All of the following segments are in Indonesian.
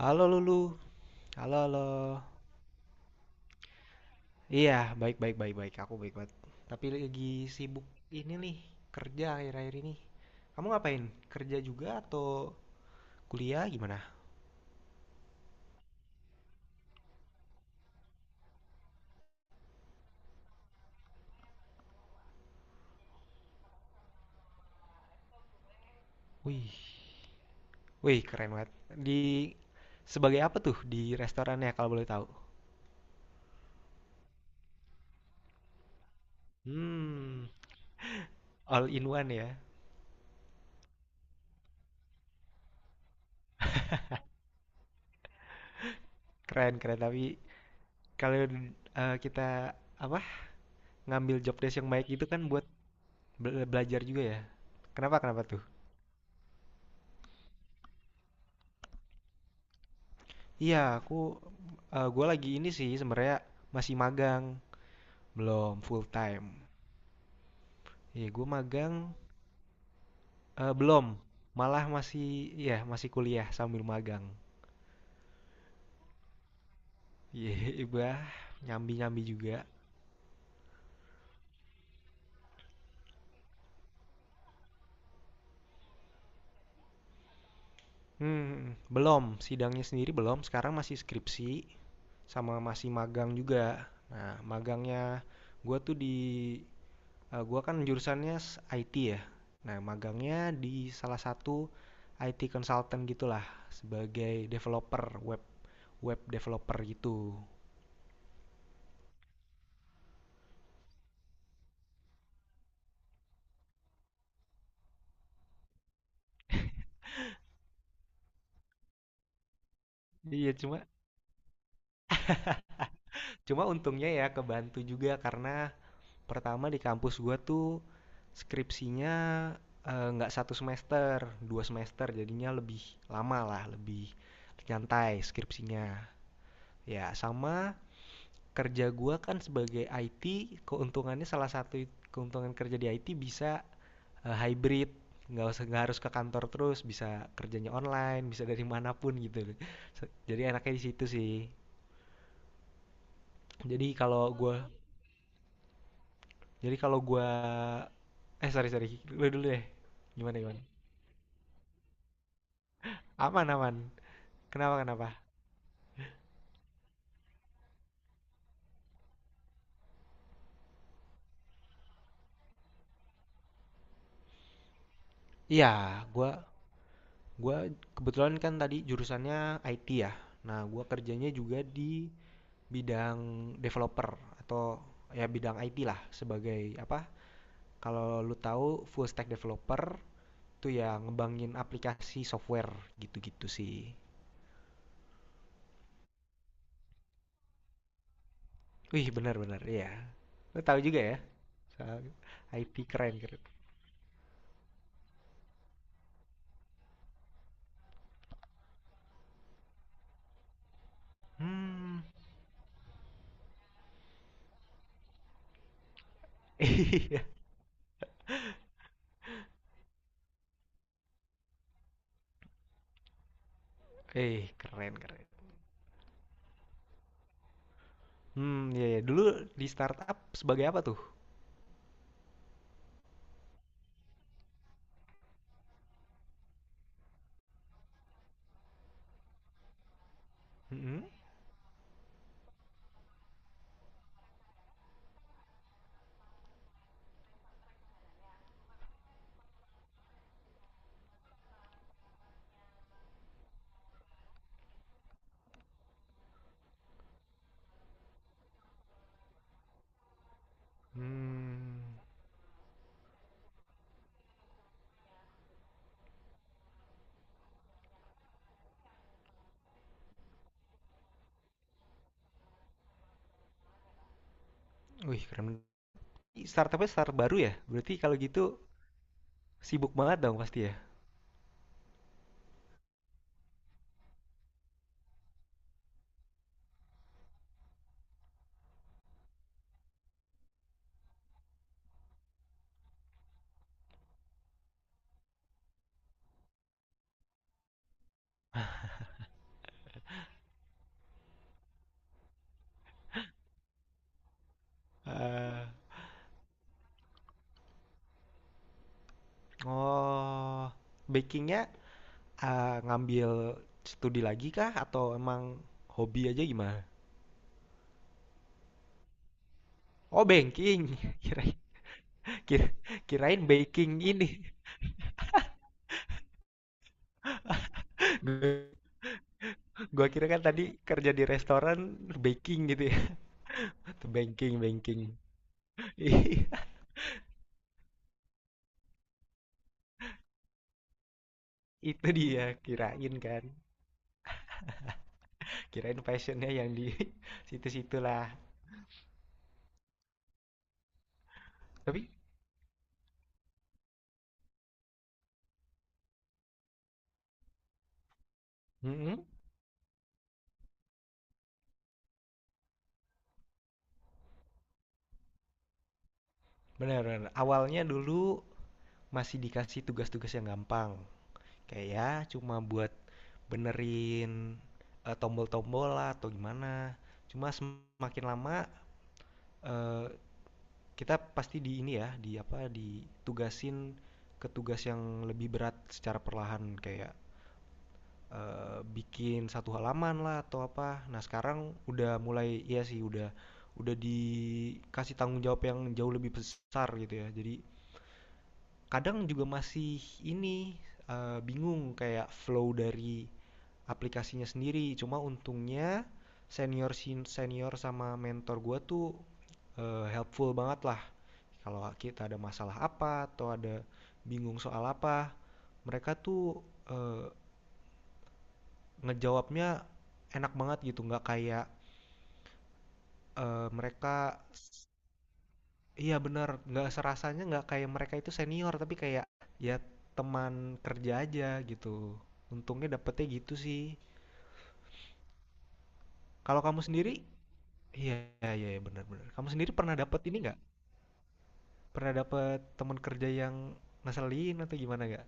Halo Lulu, halo halo. Iya, baik baik baik baik. Aku baik banget. Tapi lagi sibuk ini nih kerja akhir-akhir ini. Kamu ngapain? Kerja juga atau kuliah gimana? Wih, wih keren banget. Di sebagai apa tuh di restorannya kalau boleh tahu? Hmm, all in one ya. Keren keren. Tapi kalau kita apa ngambil job desk yang baik itu kan buat belajar juga ya. Kenapa kenapa tuh? Iya, aku eh gue lagi ini sih sebenarnya masih magang, belum full time. Iya, gue magang eh belum, malah masih ya masih kuliah sambil magang. Iya, bah nyambi-nyambi juga. Hmm, belum, sidangnya sendiri belum. Sekarang masih skripsi sama masih magang juga. Nah, magangnya gue tuh di eh, gua kan jurusannya IT ya. Nah, magangnya di salah satu IT consultant gitulah sebagai developer web web developer gitu. Iya, cuma cuma untungnya ya kebantu juga karena pertama di kampus gua tuh skripsinya nggak satu semester, dua semester jadinya lebih lama lah, lebih nyantai skripsinya. Ya, sama kerja gua kan sebagai IT, keuntungannya salah satu keuntungan kerja di IT bisa hybrid nggak usah nggak harus ke kantor terus bisa kerjanya online bisa dari manapun gitu jadi enaknya di situ sih jadi kalau gue, jadi kalau gue, sorry sorry lu dulu deh gimana gimana aman aman kenapa kenapa iya gue kebetulan kan tadi jurusannya IT ya nah gue kerjanya juga di bidang developer atau ya bidang IT lah sebagai apa kalau lu tahu full stack developer itu ya ngembangin aplikasi software gitu-gitu sih. Wih benar-benar ya. Lo tahu juga ya. Soal IP keren keren. Hmm. Iya. Eh keren keren. Hmm iya ya. Dulu di startup sebagai apa tuh? Mm. Hmm. Wih keren. Startupnya startup baru ya? Berarti kalau gitu sibuk banget dong pasti ya. Eh, oh bakingnya ngambil studi lagi kah atau emang hobi aja gimana? Oh banking, kirain kir- kirain baking ini. Gua kira kan tadi kerja di restoran baking gitu ya. Tuh banking, banking. Iya, itu dia kirain kan. Kirain passionnya yang di situ-situ lah. Tapi mm benar benar. Awalnya dulu masih dikasih tugas-tugas yang gampang. Kayak ya cuma buat benerin tombol-tombol lah atau gimana. Cuma semakin lama eh, kita pasti di ini ya, di apa, ditugasin ke tugas yang lebih berat secara perlahan kayak, bikin satu halaman lah atau apa. Nah, sekarang udah mulai iya sih udah dikasih tanggung jawab yang jauh lebih besar gitu ya. Jadi kadang juga masih ini, bingung kayak flow dari aplikasinya sendiri. Cuma untungnya senior senior sama mentor gua tuh, helpful banget lah kalau kita ada masalah apa atau ada bingung soal apa, mereka tuh eh, ngejawabnya enak banget gitu, nggak kayak eh, mereka iya benar, nggak serasanya nggak kayak mereka itu senior tapi kayak ya teman kerja aja gitu. Untungnya dapetnya gitu sih. Kalau kamu sendiri, iya iya, iya benar-benar. Kamu sendiri pernah dapet ini nggak? Pernah dapet teman kerja yang ngeselin atau gimana nggak?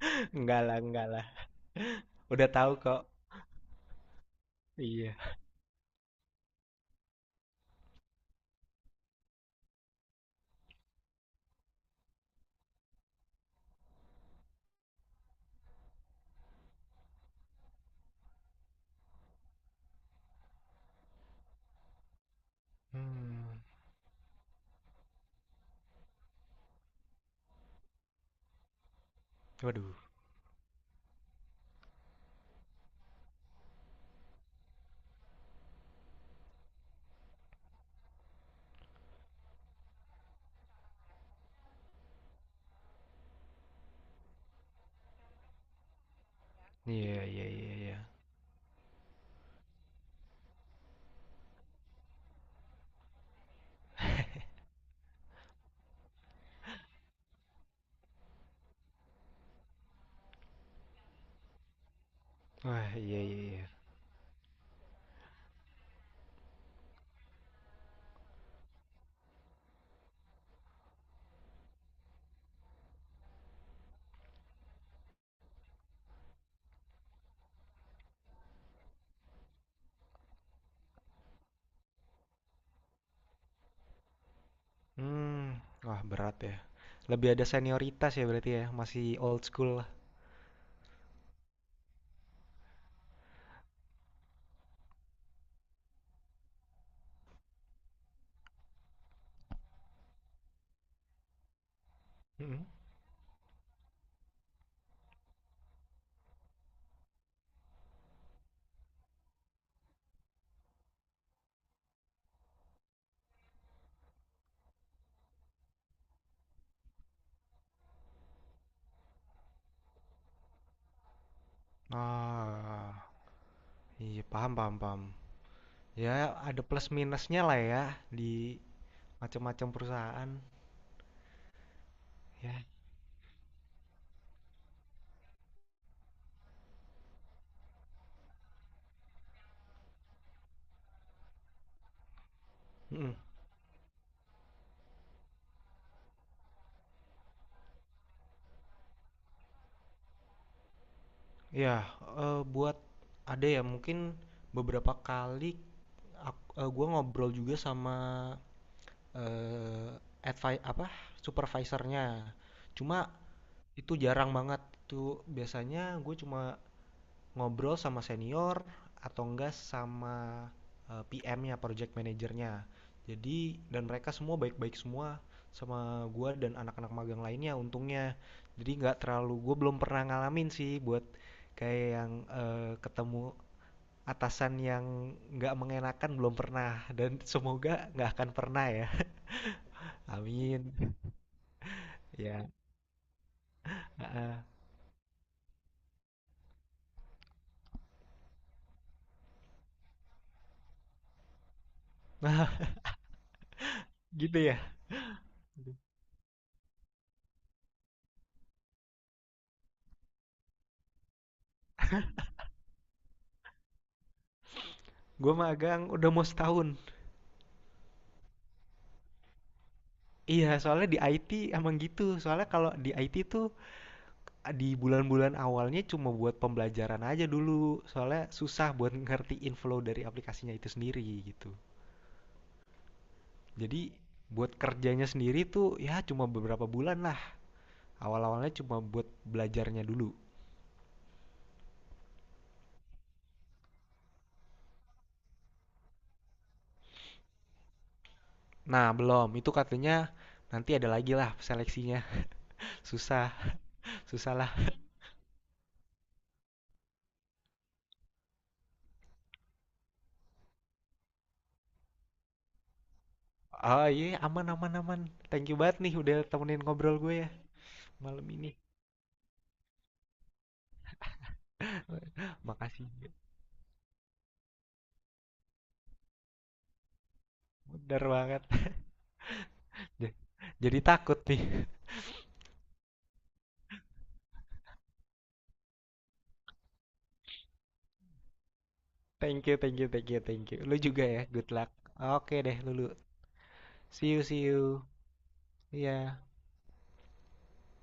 Enggak lah, enggak lah. Udah tahu kok. Iya. Hmm. Waduh, iya iya iya iya. Iya. Wah, iya iya iya. Hmm, wah berat ya. Lebih ada senioritas ya berarti ya, masih old school lah. Mm-mm. Ah, iya paham paham paham. Ya ada plus minusnya lah ya di macam-macam perusahaan. Ya, mm-mm. Ya, buat ada ya mungkin beberapa kali aku, gua ngobrol juga sama eh advi apa supervisornya. Cuma itu jarang banget. Itu biasanya gue cuma ngobrol sama senior atau enggak sama PM-nya, project manajernya. Jadi dan mereka semua baik-baik semua sama gue dan anak-anak magang lainnya untungnya. Jadi nggak terlalu gue belum pernah ngalamin sih buat kayak yang ketemu atasan yang nggak mengenakan belum pernah dan semoga nggak akan pernah ya. Amin. Ya. Nah, gitu ya. Gue magang udah mau setahun. Iya, soalnya di IT emang gitu. Soalnya kalau di IT tuh di bulan-bulan awalnya cuma buat pembelajaran aja dulu. Soalnya susah buat ngertiin flow dari aplikasinya itu sendiri gitu. Jadi buat kerjanya sendiri tuh ya cuma beberapa bulan lah. Awal-awalnya cuma buat belajarnya dulu. Nah, belum. Itu katanya nanti ada lagi lah seleksinya. Susah, susah lah. Oh iya, iya. Aman aman aman. Thank you banget nih udah temenin ngobrol gue ya malam ini. Makasih. Bener banget. Ja- Jadi takut nih. Thank you, thank you, thank you, thank you. Lu juga ya, good luck. Oke deh, Lulu. See you, see you. Iya.